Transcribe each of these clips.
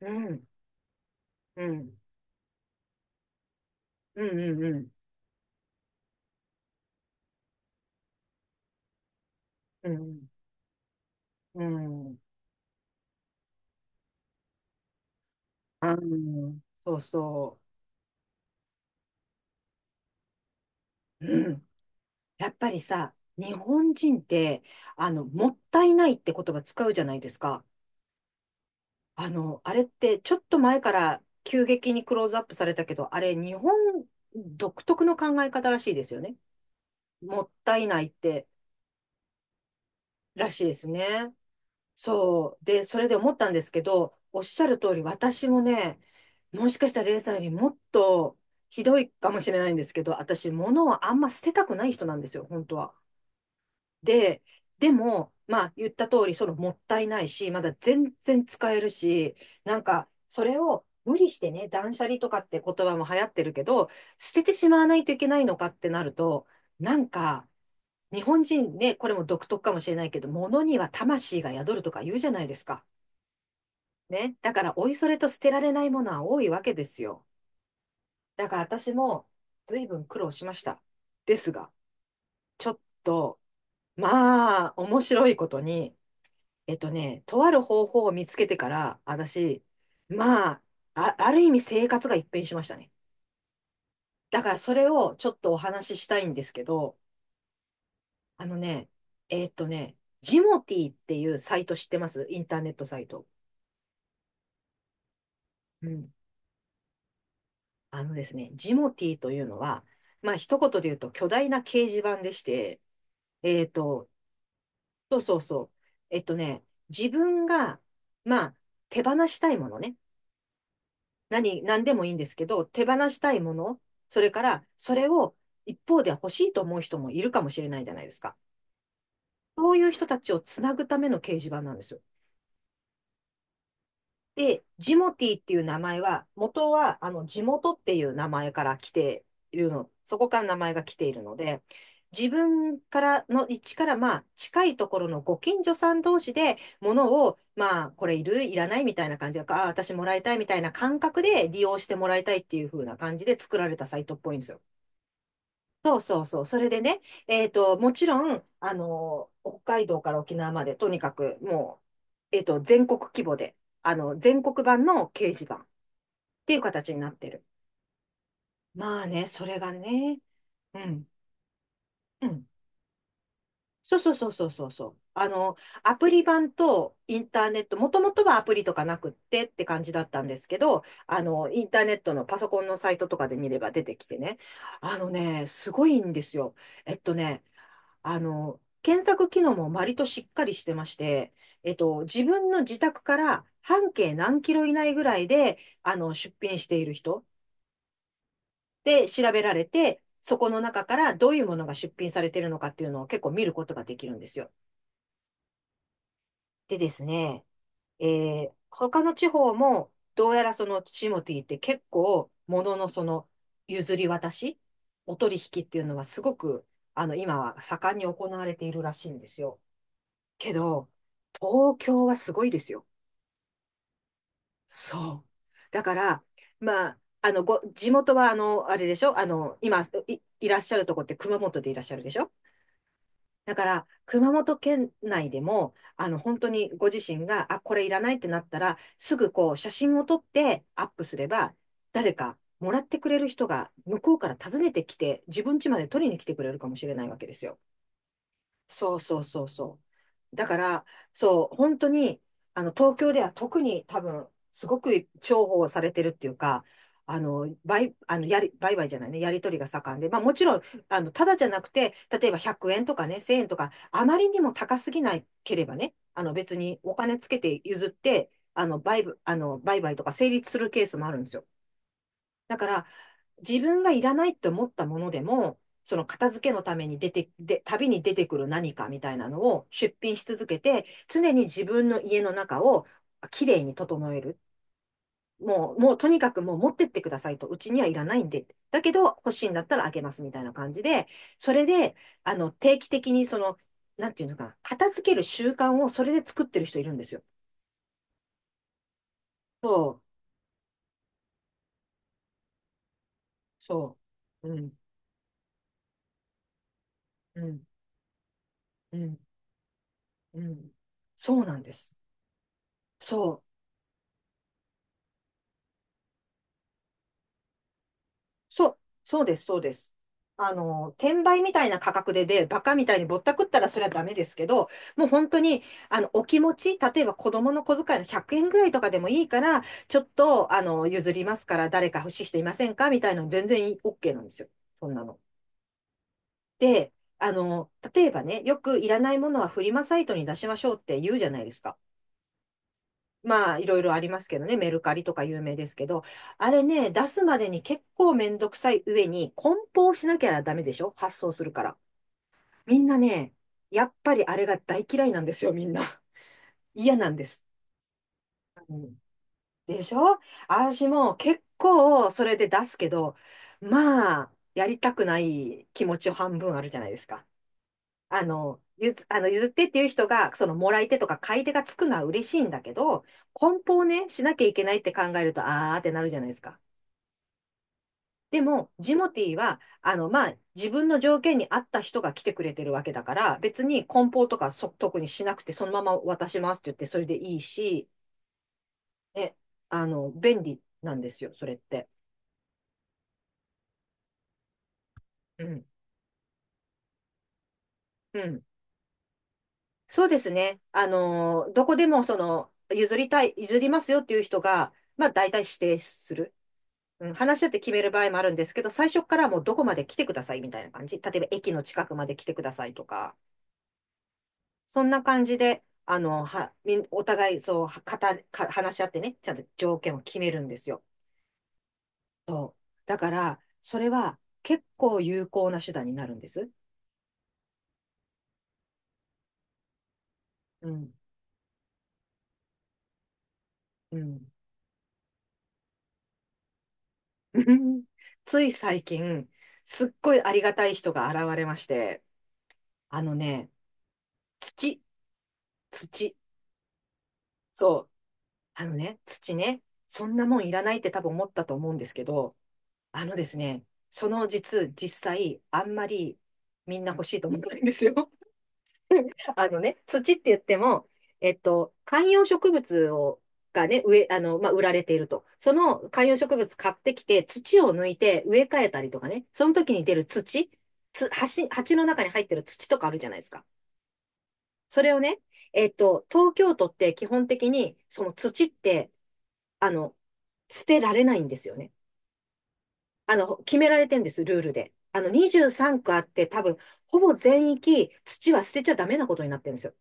うん、うん、うん、うん、うん、うん、そうそう。うん。やっぱりさ、日本人って、もったいないって言葉使うじゃないですか。あの、あれって、ちょっと前から急激にクローズアップされたけど、あれ、日本独特の考え方らしいですよね。もったいないって、らしいですね。そう。で、それで思ったんですけど、おっしゃる通り、私もね、もしかしたらレイさんよりもっとひどいかもしれないんですけど、私、物をあんま捨てたくない人なんですよ、本当は。で、でも、まあ、言った通り、そのもったいないし、まだ全然使えるし、なんか、それを無理してね、断捨離とかって言葉も流行ってるけど、捨ててしまわないといけないのかってなると、なんか、日本人ね、これも独特かもしれないけど、物には魂が宿るとか言うじゃないですか。ね。だから、おいそれと捨てられないものは多いわけですよ。だから私も随分苦労しました。ですが、ちょっと、まあ、面白いことに、とある方法を見つけてから、私、まあ、ある意味生活が一変しましたね。だからそれをちょっとお話ししたいんですけど、あのね、えっとね、ジモティーっていうサイト知ってます？インターネットサイト。うん、あのですね、ジモティーというのは、まあ一言で言うと巨大な掲示板でして、えっと、そうそうそう。えっとね、自分が、まあ手放したいものね。何でもいいんですけど、手放したいもの、それからそれを一方で欲しいと思う人もいるかもしれないじゃないですか。そういう人たちをつなぐための掲示板なんですよ。で、ジモティっていう名前は、元は、あの、地元っていう名前から来ているの、そこから名前が来ているので、自分からの位置から、まあ、近いところのご近所さん同士で、物を、まあ、これいる、いらないみたいな感じで、ああ、私もらいたいみたいな感覚で利用してもらいたいっていう風な感じで作られたサイトっぽいんですよ。そうそうそう。それでね、えっと、もちろん、あの、北海道から沖縄まで、とにかく、もう、えっと、全国規模で、あの、全国版の掲示板っていう形になってる。まあね、それがね、うん、うん。そうそうそうそうそうそう。あの、アプリ版とインターネット、もともとはアプリとかなくってって感じだったんですけど、あの、インターネットのパソコンのサイトとかで見れば出てきてね、あのね、すごいんですよ。えっとね、あの、検索機能も割としっかりしてまして、えっと、自分の自宅から半径何キロ以内ぐらいで、あの、出品している人で調べられて、そこの中からどういうものが出品されているのかっていうのを結構見ることができるんですよ。でですね、えー、他の地方も、どうやらそのチモティって結構、もののその譲り渡し、お取引っていうのはすごく、あの、今は盛んに行われているらしいんですよ。けど、東京はすごいですよ。そう。だから、まあ、地元は、あの、あれでしょ、あの、今いらっしゃるとこって熊本でいらっしゃるでしょ？だから、熊本県内でも、あの、本当にご自身が、あ、これいらないってなったら、すぐこう、写真を撮ってアップすれば、誰かもらってくれる人が、向こうから訪ねてきて、自分家まで取りに来てくれるかもしれないわけですよ。そうそうそうそう。だから、そう、本当に、あの、東京では特に多分、すごく重宝されてるっていうか、あの、売、あの、やり、売買じゃないね、やり取りが盛んで、まあもちろん、あの、ただじゃなくて、例えば100円とかね、1000円とか、あまりにも高すぎなければね、あの、別にお金つけて譲って、あの、売買とか成立するケースもあるんですよ。だから、自分がいらないって思ったものでも、その片付けのために出て、で、旅に出てくる何かみたいなのを出品し続けて、常に自分の家の中をきれいに整える。もうとにかくもう持ってってくださいと、うちにはいらないんで、だけど欲しいんだったらあげますみたいな感じで、それで、あの、定期的にその、なんていうのかな、片付ける習慣をそれで作ってる人いるんですよ。そう、そう。うん、うん、うん、うん。そうなんです。そう。そうです、そうです。あの、転売みたいな価格でバカみたいにぼったくったらそれはダメですけど、もう本当に、あの、お気持ち、例えば子供の小遣いの100円ぐらいとかでもいいから、ちょっと、あの、譲りますから、誰か欲しい人いませんかみたいなの全然OK なんですよ。そんなの。で、あの、例えばね、よくいらないものはフリマサイトに出しましょうって言うじゃないですか。まあ、いろいろありますけどね、メルカリとか有名ですけど、あれね、出すまでに結構めんどくさい上に、梱包しなきゃダメでしょ？発送するから。みんなね、やっぱりあれが大嫌いなんですよ、みんな。嫌なんです。うん、でしょ？私も結構それで出すけど、まあ、やりたくない気持ち半分あるじゃないですか。あの、ゆず、あの、譲ってっていう人が、その、もらい手とか買い手がつくのは嬉しいんだけど、梱包ね、しなきゃいけないって考えると、あーってなるじゃないですか。でも、ジモティーは、あの、まあ、自分の条件に合った人が来てくれてるわけだから、別に梱包とか特にしなくて、そのまま渡しますって言って、それでいいし、ね、あの、便利なんですよ、それって。うん。うん。そうですね。あの、どこでも、その、譲りますよっていう人が、まあ、大体指定する。うん、話し合って決める場合もあるんですけど、最初からもうどこまで来てくださいみたいな感じ。例えば駅の近くまで来てくださいとか、そんな感じで、お互いそう、はかた、か、話し合ってね、ちゃんと条件を決めるんですよ。そう。だから、それは結構有効な手段になるんです。うん。うん。つい最近、すっごいありがたい人が現れまして、あのね、土、土。そう。あのね、土ね、そんなもんいらないって多分思ったと思うんですけど、あのですね、その実際、あんまりみんな欲しいと思ってないんですよ。あのね、土って言っても、観葉植物がね、植え、あの、まあ、売られていると。その観葉植物買ってきて、土を抜いて植え替えたりとかね、その時に出る土、鉢の中に入ってる土とかあるじゃないですか。それをね、東京都って基本的に、その土って、あの、捨てられないんですよね。決められてんです、ルールで。23区あって多分、ほぼ全域土は捨てちゃダメなことになってるんですよ。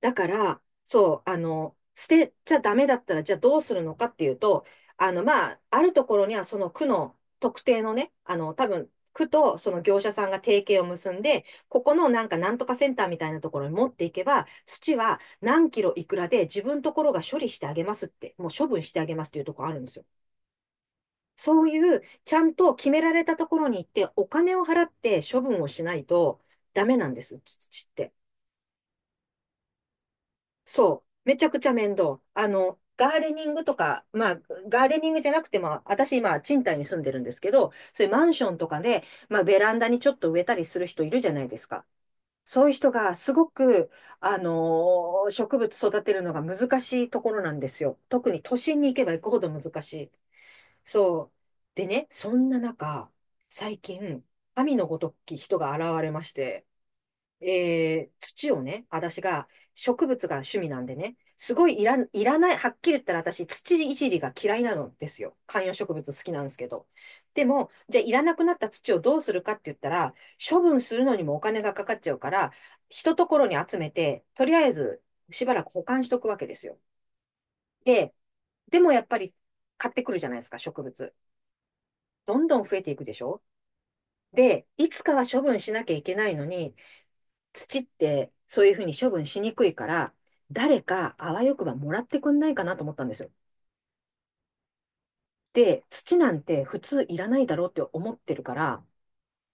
だから、そう、捨てちゃダメだったら、じゃあどうするのかっていうと、あるところにはその区の特定のね、多分、区とその業者さんが提携を結んで、ここのなんかなんとかセンターみたいなところに持っていけば、土は何キロいくらで自分ところが処理してあげますって、もう処分してあげますっていうところあるんですよ。そういう、ちゃんと決められたところに行って、お金を払って処分をしないとダメなんです、土って。そう。めちゃくちゃ面倒。ガーデニングとか、ガーデニングじゃなくても、私今、賃貸に住んでるんですけど、そういうマンションとかで、ベランダにちょっと植えたりする人いるじゃないですか。そういう人がすごく、植物育てるのが難しいところなんですよ。特に都心に行けば行くほど難しい。そう。でね、そんな中、最近、神のごとき人が現れまして、土をね、私が植物が趣味なんでね、すごいいらない、はっきり言ったら私、土いじりが嫌いなのですよ。観葉植物好きなんですけど。でも、じゃあいらなくなった土をどうするかって言ったら、処分するのにもお金がかかっちゃうから、一ところに集めて、とりあえずしばらく保管しとくわけですよ。で、でもやっぱり買ってくるじゃないですか、植物。どんどん増えていくでしょ？で、いつかは処分しなきゃいけないのに、土ってそういうふうに処分しにくいから、誰かあわよくばもらってくんないかなと思ったんですよ。で、土なんて普通いらないだろうって思ってるから、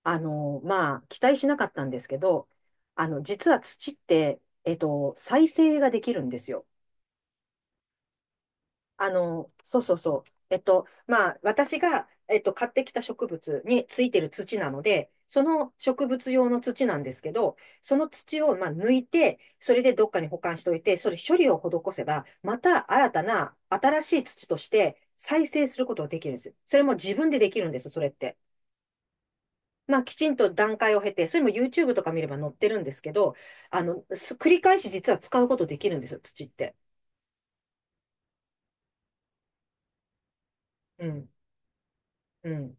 期待しなかったんですけど、実は土って、再生ができるんですよ。そうそうそう。私が、買ってきた植物についてる土なので、その植物用の土なんですけど、その土を、抜いて、それでどっかに保管しておいて、それ処理を施せば、また新たな新しい土として再生することができるんです。それも自分でできるんです、それって。きちんと段階を経て、それも YouTube とか見れば載ってるんですけど、繰り返し実は使うことできるんですよ、土って。うん。うん。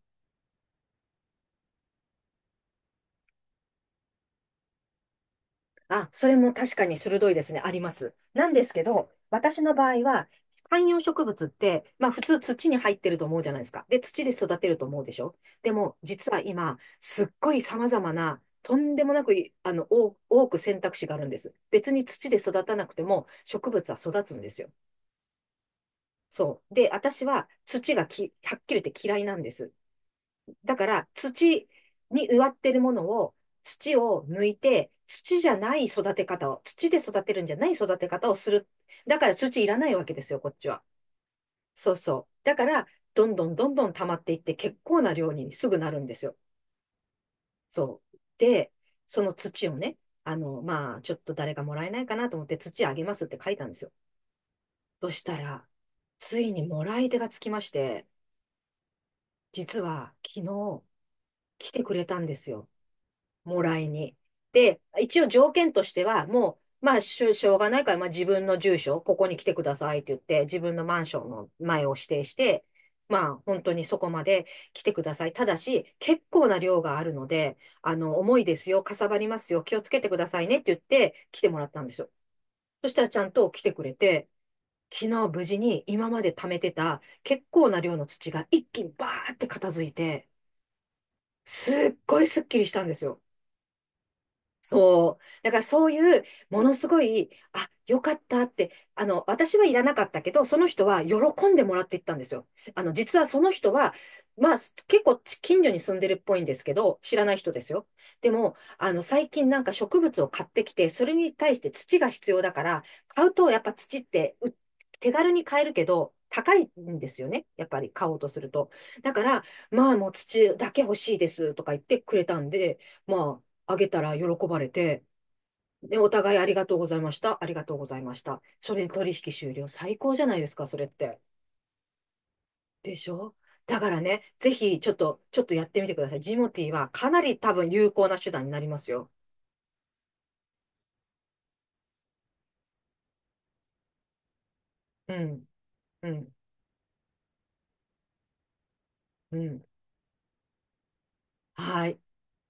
あ、それも確かに鋭いですね。あります。なんですけど、私の場合は、観葉植物って、普通土に入ってると思うじゃないですか。で、土で育てると思うでしょ。でも、実は今、すっごい様々な、とんでもなくい、あの、多多く選択肢があるんです。別に土で育たなくても、植物は育つんですよ。そう。で、私は土がき、はっきり言って嫌いなんです。だから土に植わってるものを、土を抜いて、土じゃない育て方を、土で育てるんじゃない育て方をする。だから土いらないわけですよ、こっちは。そうそう。だから、どんどんどんどん溜まっていって、結構な量にすぐなるんですよ。そう。で、その土をね、ちょっと誰かもらえないかなと思って、土あげますって書いたんですよ。そしたら、ついにもらい手がつきまして、実は昨日来てくれたんですよ。もらいに。で、一応条件としては、もう、しょうがないから、自分の住所、ここに来てくださいって言って、自分のマンションの前を指定して、本当にそこまで来てください。ただし、結構な量があるので、重いですよ、かさばりますよ、気をつけてくださいねって言って、来てもらったんですよ。そしたらちゃんと来てくれて、昨日無事に今まで貯めてた結構な量の土が一気にバーって片付いて、すっごいスッキリしたんですよ。そう。だからそういう、ものすごい、あ、よかったって、私はいらなかったけど、その人は喜んでもらっていったんですよ。実はその人は、まあ、結構近所に住んでるっぽいんですけど、知らない人ですよ。でも、最近なんか植物を買ってきて、それに対して土が必要だから、買うとやっぱ土って手軽に買えるけど、高いんですよね。やっぱり買おうとすると。だから、もう土だけ欲しいですとか言ってくれたんで、まあ、あげたら喜ばれて、で、お互いありがとうございました、ありがとうございました。それで取引終了。最高じゃないですか、それって。でしょ？だからね、ぜひ、ちょっとやってみてください。ジモティーはかなり多分有効な手段になりますよ。うん、うん、うん。はい。